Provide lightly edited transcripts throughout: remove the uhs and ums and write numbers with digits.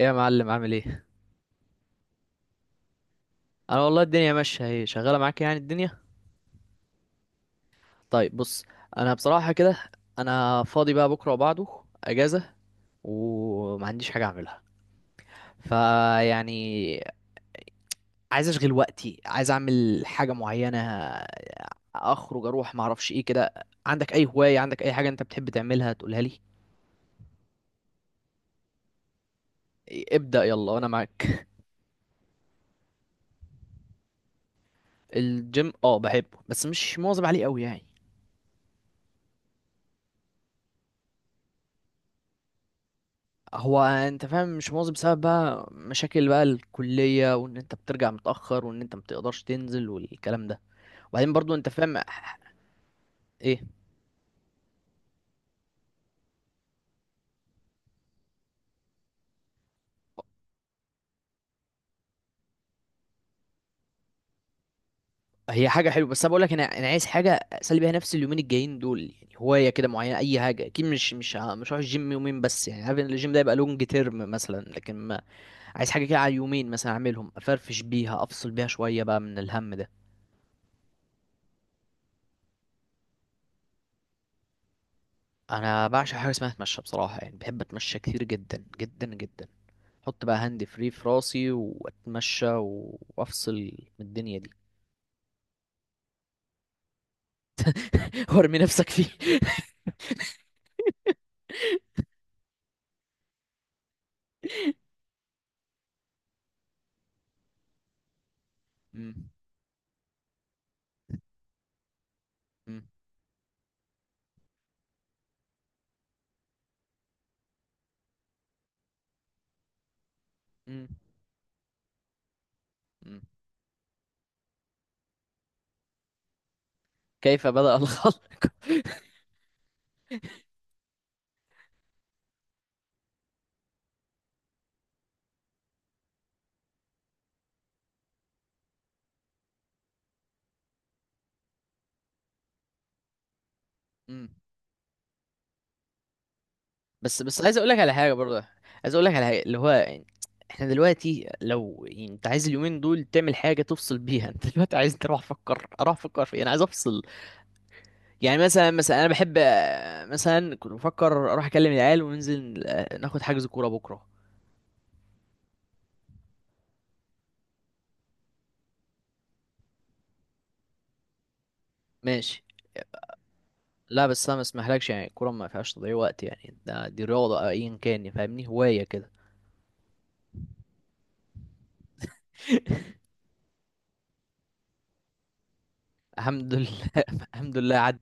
ايه يا معلم، عامل ايه؟ انا والله الدنيا ماشيه، اهي شغاله معاك، يعني الدنيا. طيب، بص. انا بصراحه كده، انا فاضي بقى بكره وبعده، اجازه، وما عنديش حاجه اعملها، فيعني، عايز اشغل وقتي، عايز اعمل حاجه معينه، اخرج اروح، ما اعرفش ايه كده. عندك اي هوايه، عندك اي حاجه انت بتحب تعملها تقولها لي؟ إيه، ابدا، يلا وانا معاك. الجيم اه، بحبه، بس مش مواظب عليه قوي يعني. هو انت فاهم، مش مواظب بسبب بقى مشاكل بقى الكلية، وان انت بترجع متأخر، وان انت متقدرش تنزل والكلام ده. وبعدين برضو انت فاهم. ايه؟ هي حاجة حلوة، بس انا بقول لك، انا عايز حاجة اسلي بيها نفسي اليومين الجايين دول، يعني هواية كده معينة اي حاجة، اكيد مش هروح الجيم يومين بس، يعني عارف ان الجيم ده يبقى لونج تيرم مثلا، لكن ما عايز حاجة كده على يومين، مثلا اعملهم افرفش بيها، افصل بيها شوية بقى من الهم ده. انا بعشق حاجة اسمها اتمشى بصراحة، يعني بحب اتمشى كتير، جدا جدا جدا. احط بقى هاند فري في راسي واتمشى وافصل من الدنيا دي. وارمي نفسك فيه. مم. مم. مم. مم. كيف بدأ الخلق؟ مم. بس عايز اقول لك على حاجه برضه، عايز اقول لك على حاجه، اللي هو يعني، احنا دلوقتي لو يعني انت عايز اليومين دول تعمل حاجه تفصل بيها، انت دلوقتي عايز تروح افكر اروح افكر في إيه؟ انا عايز افصل. يعني مثلا انا بحب، مثلا كنت بفكر اروح اكلم العيال وننزل، ناخد حجز كوره بكره. ماشي. لا، بس انا ما اسمحلكش، يعني الكوره ما فيهاش تضييع وقت، يعني دي رياضه أو ايا كان، يعني فاهمني، هوايه كده. الحمد لله، الحمد لله عدت.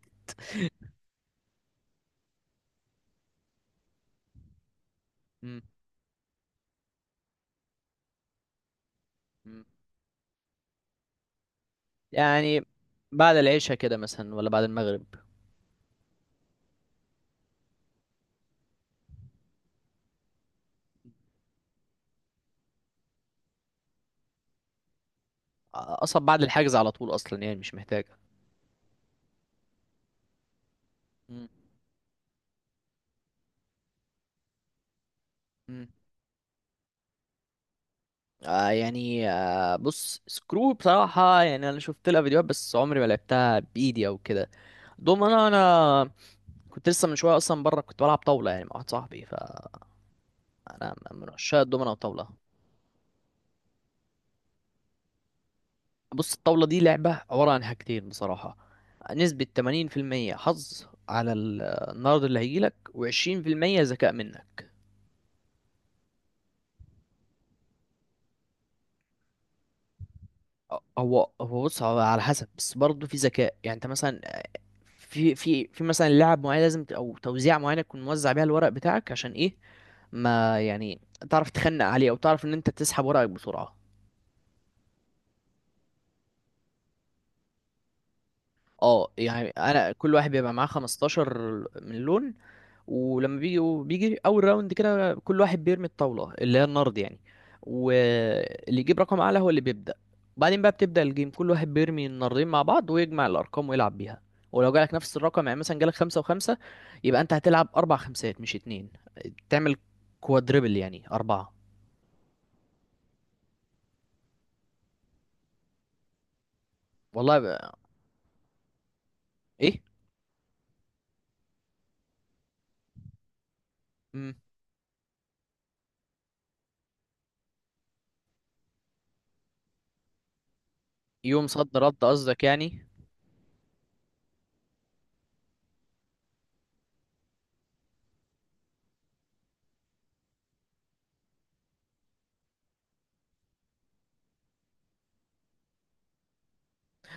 مم. مم. يعني بعد العشاء كده مثلا، ولا بعد المغرب؟ اصلا بعد الحجز على طول، اصلا يعني مش محتاجه. مم. مم. آه يعني، بص سكرو بصراحه، يعني انا شفت لها فيديوهات، بس عمري ما لعبتها بايدي او كده. دومنا، انا كنت لسه من شويه اصلا بره، كنت بلعب طاوله يعني مع واحد صاحبي، فانا من عشاق الدومنه والطاوله. بص، الطاولة دي لعبة عبارة عن حاجتين بصراحة. نسبة 80% حظ على النرد اللي هيجيلك، و20% ذكاء منك. هو بص، هو على حسب، بس برضه في ذكاء، يعني انت مثلا، في مثلا لعب معين لازم او توزيع معينة تكون موزع بيها الورق بتاعك، عشان ايه، ما يعني، تعرف تخنق عليه، او تعرف ان انت تسحب ورقك بسرعة. اه يعني، انا كل واحد بيبقى معاه 15 من لون. ولما بيجي اول راوند كده، كل واحد بيرمي الطاوله اللي هي النرد يعني. واللي يجيب رقم اعلى هو اللي بيبدا. بعدين بقى بتبدا الجيم، كل واحد بيرمي النردين مع بعض ويجمع الارقام ويلعب بيها. ولو جالك نفس الرقم، يعني مثلا جالك خمسة وخمسة، يبقى انت هتلعب اربع خمسات مش اتنين. تعمل كوادريبل، يعني اربعة. والله بقى. ايه؟ مم. يوم صد رد قصدك يعني؟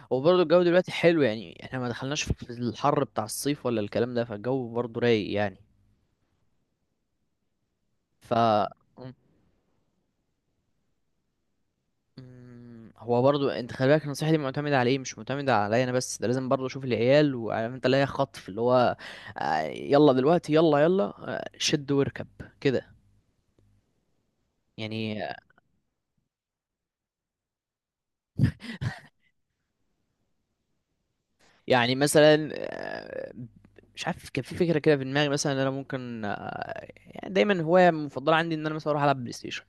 وبرضه الجو دلوقتي حلو، يعني احنا ما دخلناش في الحر بتاع الصيف ولا الكلام ده، فالجو برضه رايق يعني. ف مم، هو برضو انت خلي بالك النصيحه دي معتمده على ايه، مش معتمده عليا انا بس، ده لازم برضو اشوف العيال، وعارف انت اللي هي خطف اللي هو، يلا دلوقتي، يلا يلا شد واركب كده يعني. يعني مثلا مش عارف، كان في فكره كده في دماغي، مثلا ان انا ممكن، يعني دايما هوايه مفضله عندي ان انا مثلا اروح العب بلاي ستيشن.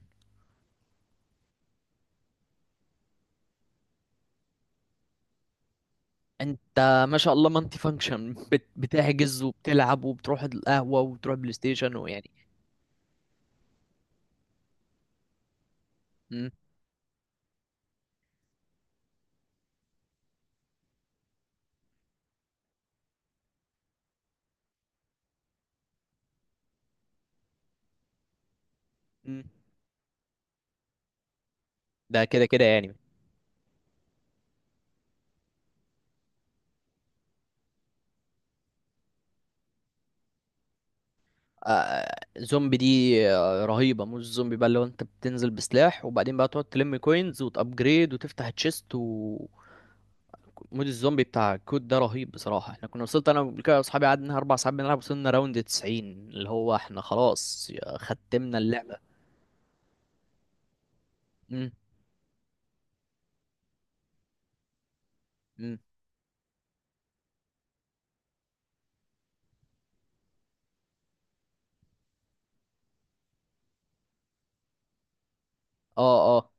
انت ما شاء الله مالتي فانكشن، بتحجز وبتلعب وبتروح القهوه وبتروح بلاي ستيشن، ويعني. مم، مم. ده كده كده يعني. آه، زومبي دي. آه، رهيبة، مش زومبي بقى، اللي هو انت بتنزل بسلاح، وبعدين بقى تقعد تلم كوينز وتأبجريد وتفتح تشيست، و مود الزومبي بتاع كود ده رهيب بصراحة، احنا وصلت انا قبل كده واصحابي، قعدنا 4 ساعات بنلعب، وصلنا راوند 90، اللي هو احنا خلاص ختمنا اللعبة. امم. امم. اه، اه.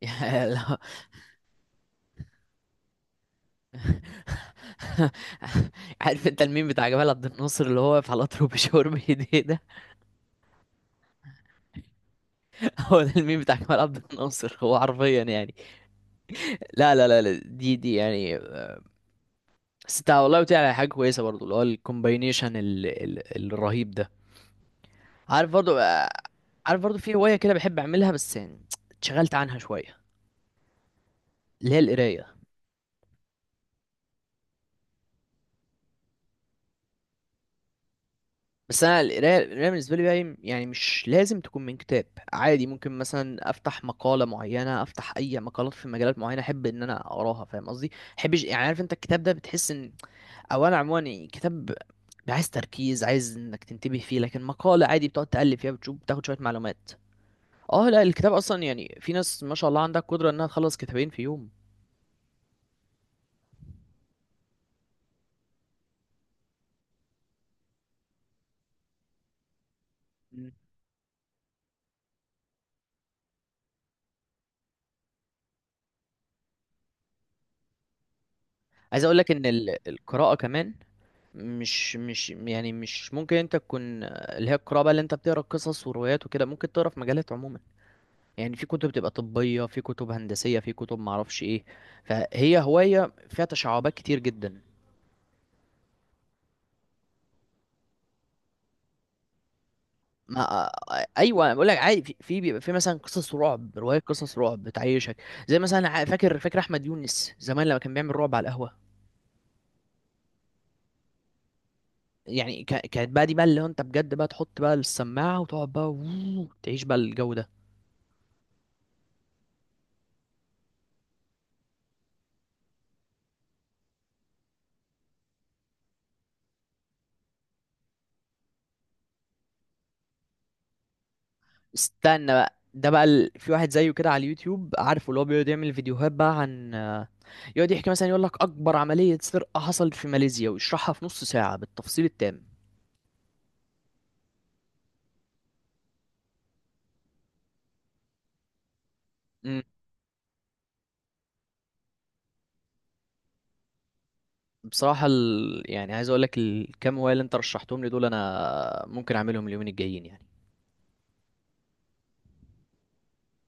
يا لا. عارف انت الميم بتاع جمال عبد الناصر اللي هو واقف على القطر وبيشاور بايديه ده؟ هو ده الميم بتاع جمال عبد الناصر، هو حرفيا يعني. لا لا لا لا، دي يعني بس انت والله قلت لي على حاجه كويسه برضو، اللي هو الكومباينيشن الرهيب ده. عارف برضو آه، عارف برضو في هوايه كده بحب اعملها بس يعني، اتشغلت عنها شويه. اللي هي القرايه. بس انا القرايه بالنسبه لي بقى، يعني مش لازم تكون من كتاب. عادي ممكن مثلا افتح مقاله معينه، افتح اي مقالات في مجالات معينه احب ان انا اقراها، فاهم قصدي. احبش يعني، عارف انت الكتاب ده بتحس ان، او انا عموما يعني كتاب، عايز تركيز، عايز انك تنتبه فيه، لكن مقالة عادي بتقعد تقلب فيها، بتشوف بتاخد شوية معلومات. اه، لا الكتاب اصلا يعني، في ناس ما شاء الله عندها قدرة انها تخلص كتابين في يوم. مم. عايز اقول لك ان القراءة كمان، مش يعني مش ممكن انت تكون اللي هي القراءة بقى، اللي انت بتقرا قصص وروايات وكده، ممكن تقرا في مجالات عموما. يعني في كتب بتبقى طبية، في كتب هندسية، في كتب معرفش ايه. فهي هواية فيها تشعبات كتير جدا. ما ايوه انا بقول لك عادي، في بيبقى في مثلا قصص رعب، روايات قصص رعب بتعيشك، زي مثلا فاكر احمد يونس زمان لما كان بيعمل رعب على القهوه. يعني كانت بقى دي بقى، اللي هو انت بجد بقى تحط بقى السماعه وتقعد بقى تعيش بقى الجو ده. استنى بقى، ده بقى في واحد زيه كده على اليوتيوب، عارفه اللي هو بيقعد يعمل فيديوهات بقى عن يقعد يحكي مثلا، يقول لك اكبر عمليه سرقه حصلت في ماليزيا ويشرحها في نص ساعه بالتفصيل التام. بصراحة يعني عايز اقول لك الكام هواية اللي انت رشحتهم لي دول، انا ممكن اعملهم اليومين الجايين يعني.